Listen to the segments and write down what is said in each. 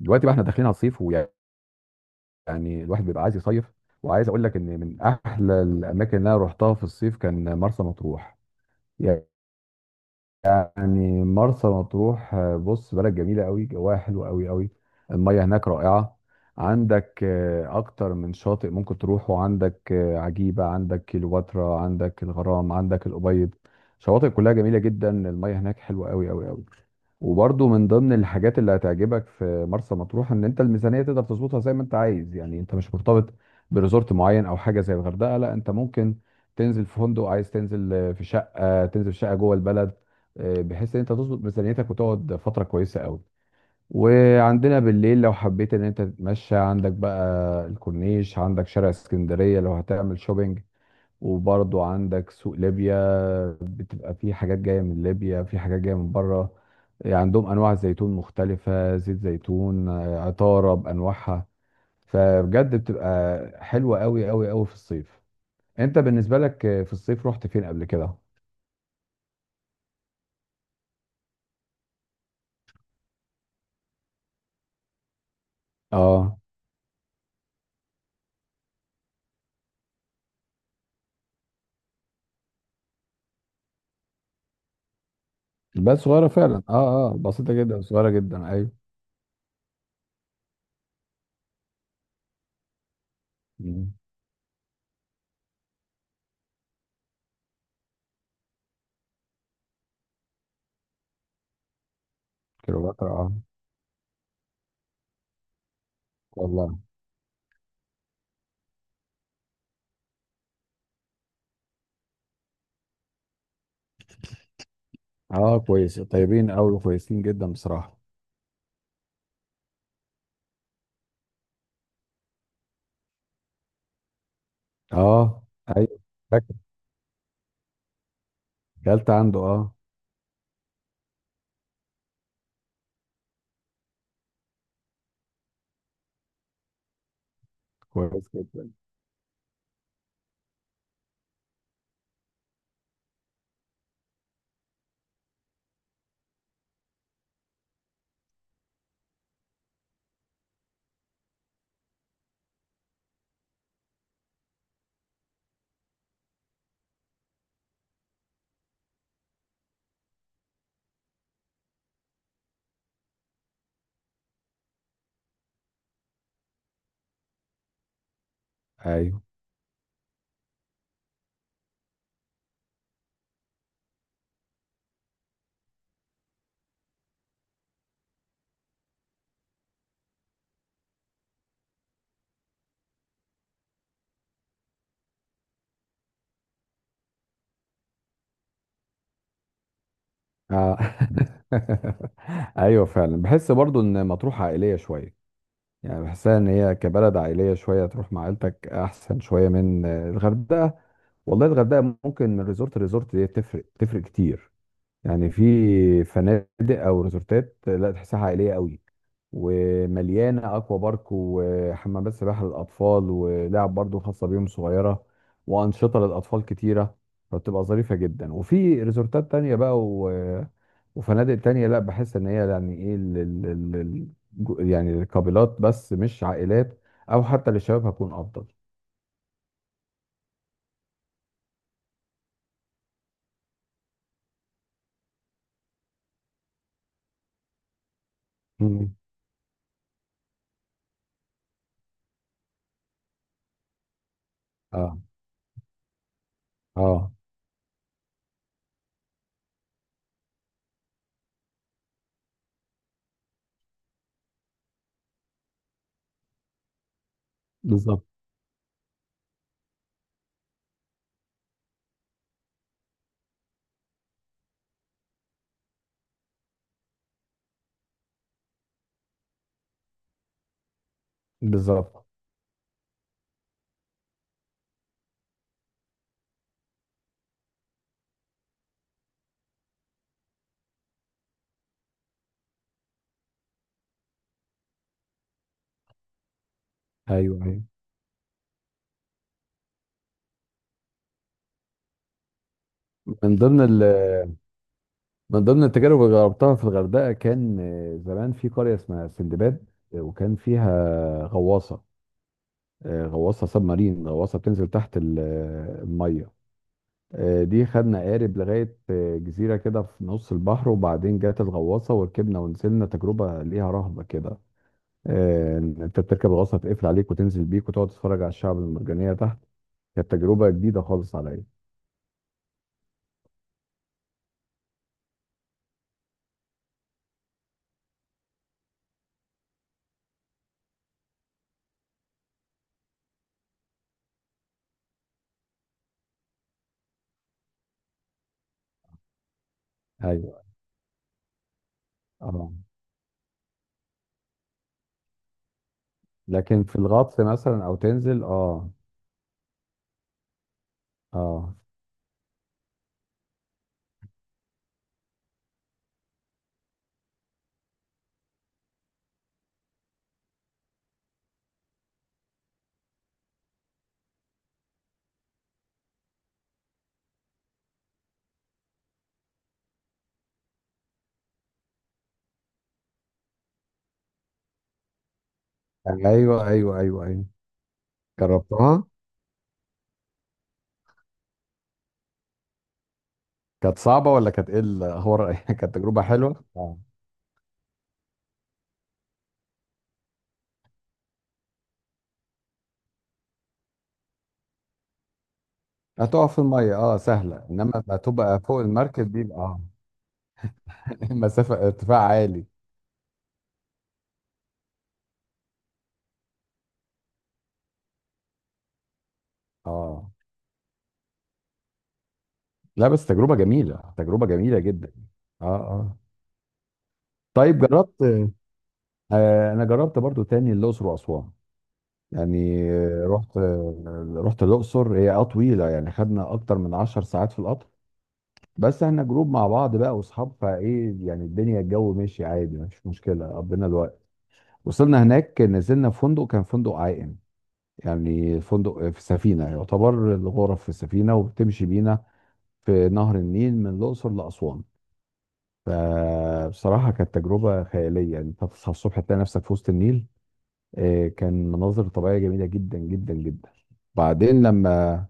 دلوقتي بقى احنا داخلين على الصيف ويعني الواحد بيبقى عايز يصيف. وعايز اقول لك ان من احلى الاماكن اللي انا رحتها في الصيف كان مرسى مطروح. يعني مرسى مطروح، بص بلد جميلة قوي، جواها حلو قوي قوي. المية هناك رائعة. عندك أكتر من شاطئ ممكن تروحه، عندك عجيبة، عندك كيلوباترا، عندك الغرام، عندك الأبيض. شواطئ كلها جميلة جدا، المية هناك حلوة قوي قوي قوي. وبرضه من ضمن الحاجات اللي هتعجبك في مرسى مطروح إن أنت الميزانية تقدر تظبطها زي ما أنت عايز. يعني أنت مش مرتبط بريزورت معين أو حاجة زي الغردقة، لا أنت ممكن تنزل في فندق، عايز تنزل في شقة تنزل في شقة جوه البلد، بحيث ان انت تظبط ميزانيتك وتقعد فتره كويسه قوي. وعندنا بالليل لو حبيت ان انت تتمشى، عندك بقى الكورنيش، عندك شارع اسكندريه لو هتعمل شوبينج، وبرضو عندك سوق ليبيا. بتبقى فيه حاجات جايه من ليبيا، في حاجات جايه من بره. عندهم انواع زيتون مختلفه، زيت زيتون، عطاره بانواعها. فبجد بتبقى حلوه قوي قوي قوي في الصيف. انت بالنسبه لك في الصيف رحت فين قبل كده؟ اه. بس صغيرة فعلا، اه اه، بسيطة جدا، صغيرة جدا، ايوه. مم. كليوباترا، اه. والله. اه كويس، طيبين قوي وكويسين جدا بصراحة. اه، ايوه، فاكر. اكلت عنده، اه. كويس جدا. ايوه. اه. ايوه فعلا بحس برضو ان مطروح عائلية شوية. يعني بحسها ان هي كبلد عائلية شوية، تروح مع عيلتك احسن شوية من الغردقة. والله الغردقة ممكن من ريزورت لريزورت دي تفرق كتير. يعني في فنادق او ريزورتات لا، تحسها عائليه قوي، ومليانه اكوا بارك وحمامات سباحه للاطفال ولعب برضو خاصه بيهم صغيره، وانشطه للاطفال كتيره، فبتبقى ظريفه جدا. وفي ريزورتات تانية بقى وفنادق تانية لا، بحس ان هي يعني ايه يعني الكابلات بس مش عائلات، او حتى للشباب هتكون افضل. مم. اه اه. بالظبط. بالظبط. ايوه ايوه. من ضمن ال من ضمن التجارب اللي جربتها في الغردقة كان زمان في قرية اسمها سندباد، وكان فيها غواصة، غواصة سب مارين، غواصة بتنزل تحت المية. دي خدنا قارب لغاية جزيرة كده في نص البحر، وبعدين جت الغواصة وركبنا ونزلنا. تجربة ليها رهبة كده، إن انت بتركب غواصة تقفل عليك وتنزل بيك وتقعد تتفرج على الشعب المرجانية تحت. كانت تجربة جديدة خالص عليا. ايوه. اه. لكن في الغطس مثلا او تنزل، اه. اه. ايوه ايوه ايوه ايوه. جربتها. كانت صعبه ولا كانت ايه الاخبار؟ كانت تجربه حلوه، اه. هتقف في الميه، اه، سهله، انما ما تبقى فوق المركب دي يبقى اه. مسافه ارتفاع عالي. اه. لا بس تجربه جميله، تجربه جميله جدا. اه اه. طيب جربت. آه انا جربت برضو تاني الاقصر واسوان. يعني رحت، رحت الاقصر، هي اه طويله يعني، خدنا اكتر من 10 ساعات في القطر. بس احنا جروب مع بعض بقى واصحاب، فايه يعني الدنيا، الجو ماشي عادي، مفيش مشكله، قضينا الوقت. وصلنا هناك نزلنا في فندق، كان فندق عائم، يعني فندق في سفينه، يعتبر الغرف في سفينه وبتمشي بينا في نهر النيل من الاقصر لاسوان. فبصراحه كانت تجربه خياليه، يعني انت تصحى الصبح تلاقي نفسك في وسط النيل. كان مناظر طبيعيه جميله جدا جدا جدا. بعدين لما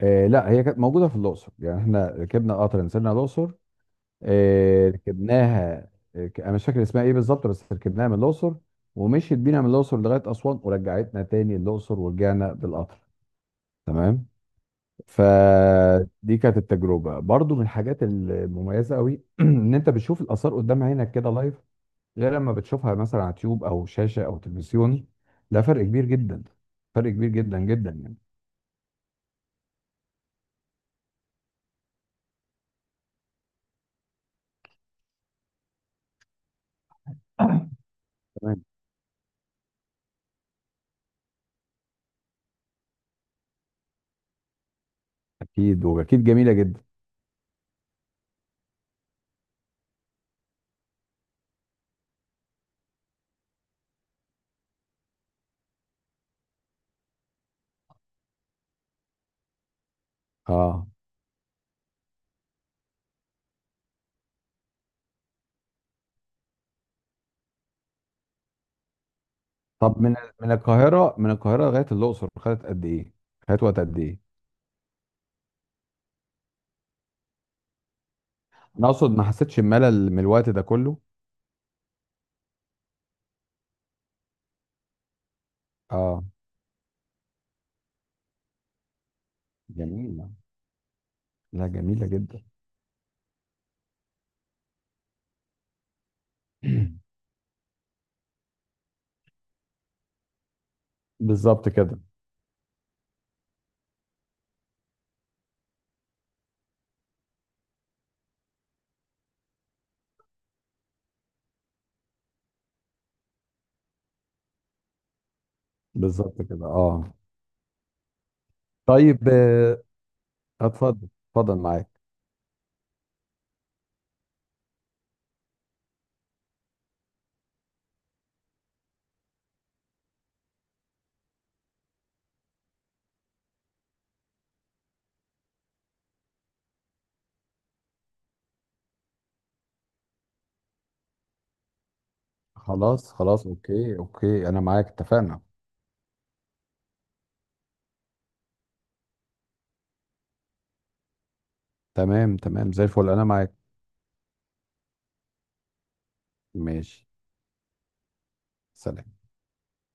لا هي كانت موجوده في الاقصر، يعني احنا ركبنا قطر نزلنا الاقصر، ركبناها. انا مش فاكر اسمها ايه بالظبط، بس ركبناها من الاقصر ومشيت بينا من الاقصر لغايه اسوان ورجعتنا تاني الاقصر ورجعنا بالقطر. تمام. فدي كانت التجربه برضو من الحاجات المميزه قوي، ان انت بتشوف الاثار قدام عينك كده لايف، غير لما بتشوفها مثلا على تيوب او شاشه او تلفزيون. ده فرق كبير جدا، فرق كبير جدا جدا يعني. تمام. اكيد واكيد جميله جدا. اه. طب من، من القاهره، من القاهره لغايه الاقصر خدت قد ايه؟ خدت وقت قد ايه؟ انا اقصد ما حسيتش بملل من الوقت ده كله؟ اه. جميلة. لا جميلة جدا. بالظبط كده. بالظبط كده، اه. طيب اتفضل. اتفضل معاك. خلاص خلاص، اوكي اوكي، انا معاك، اتفقنا. تمام تمام، زي الفل، انا معاك. ماشي. سلام.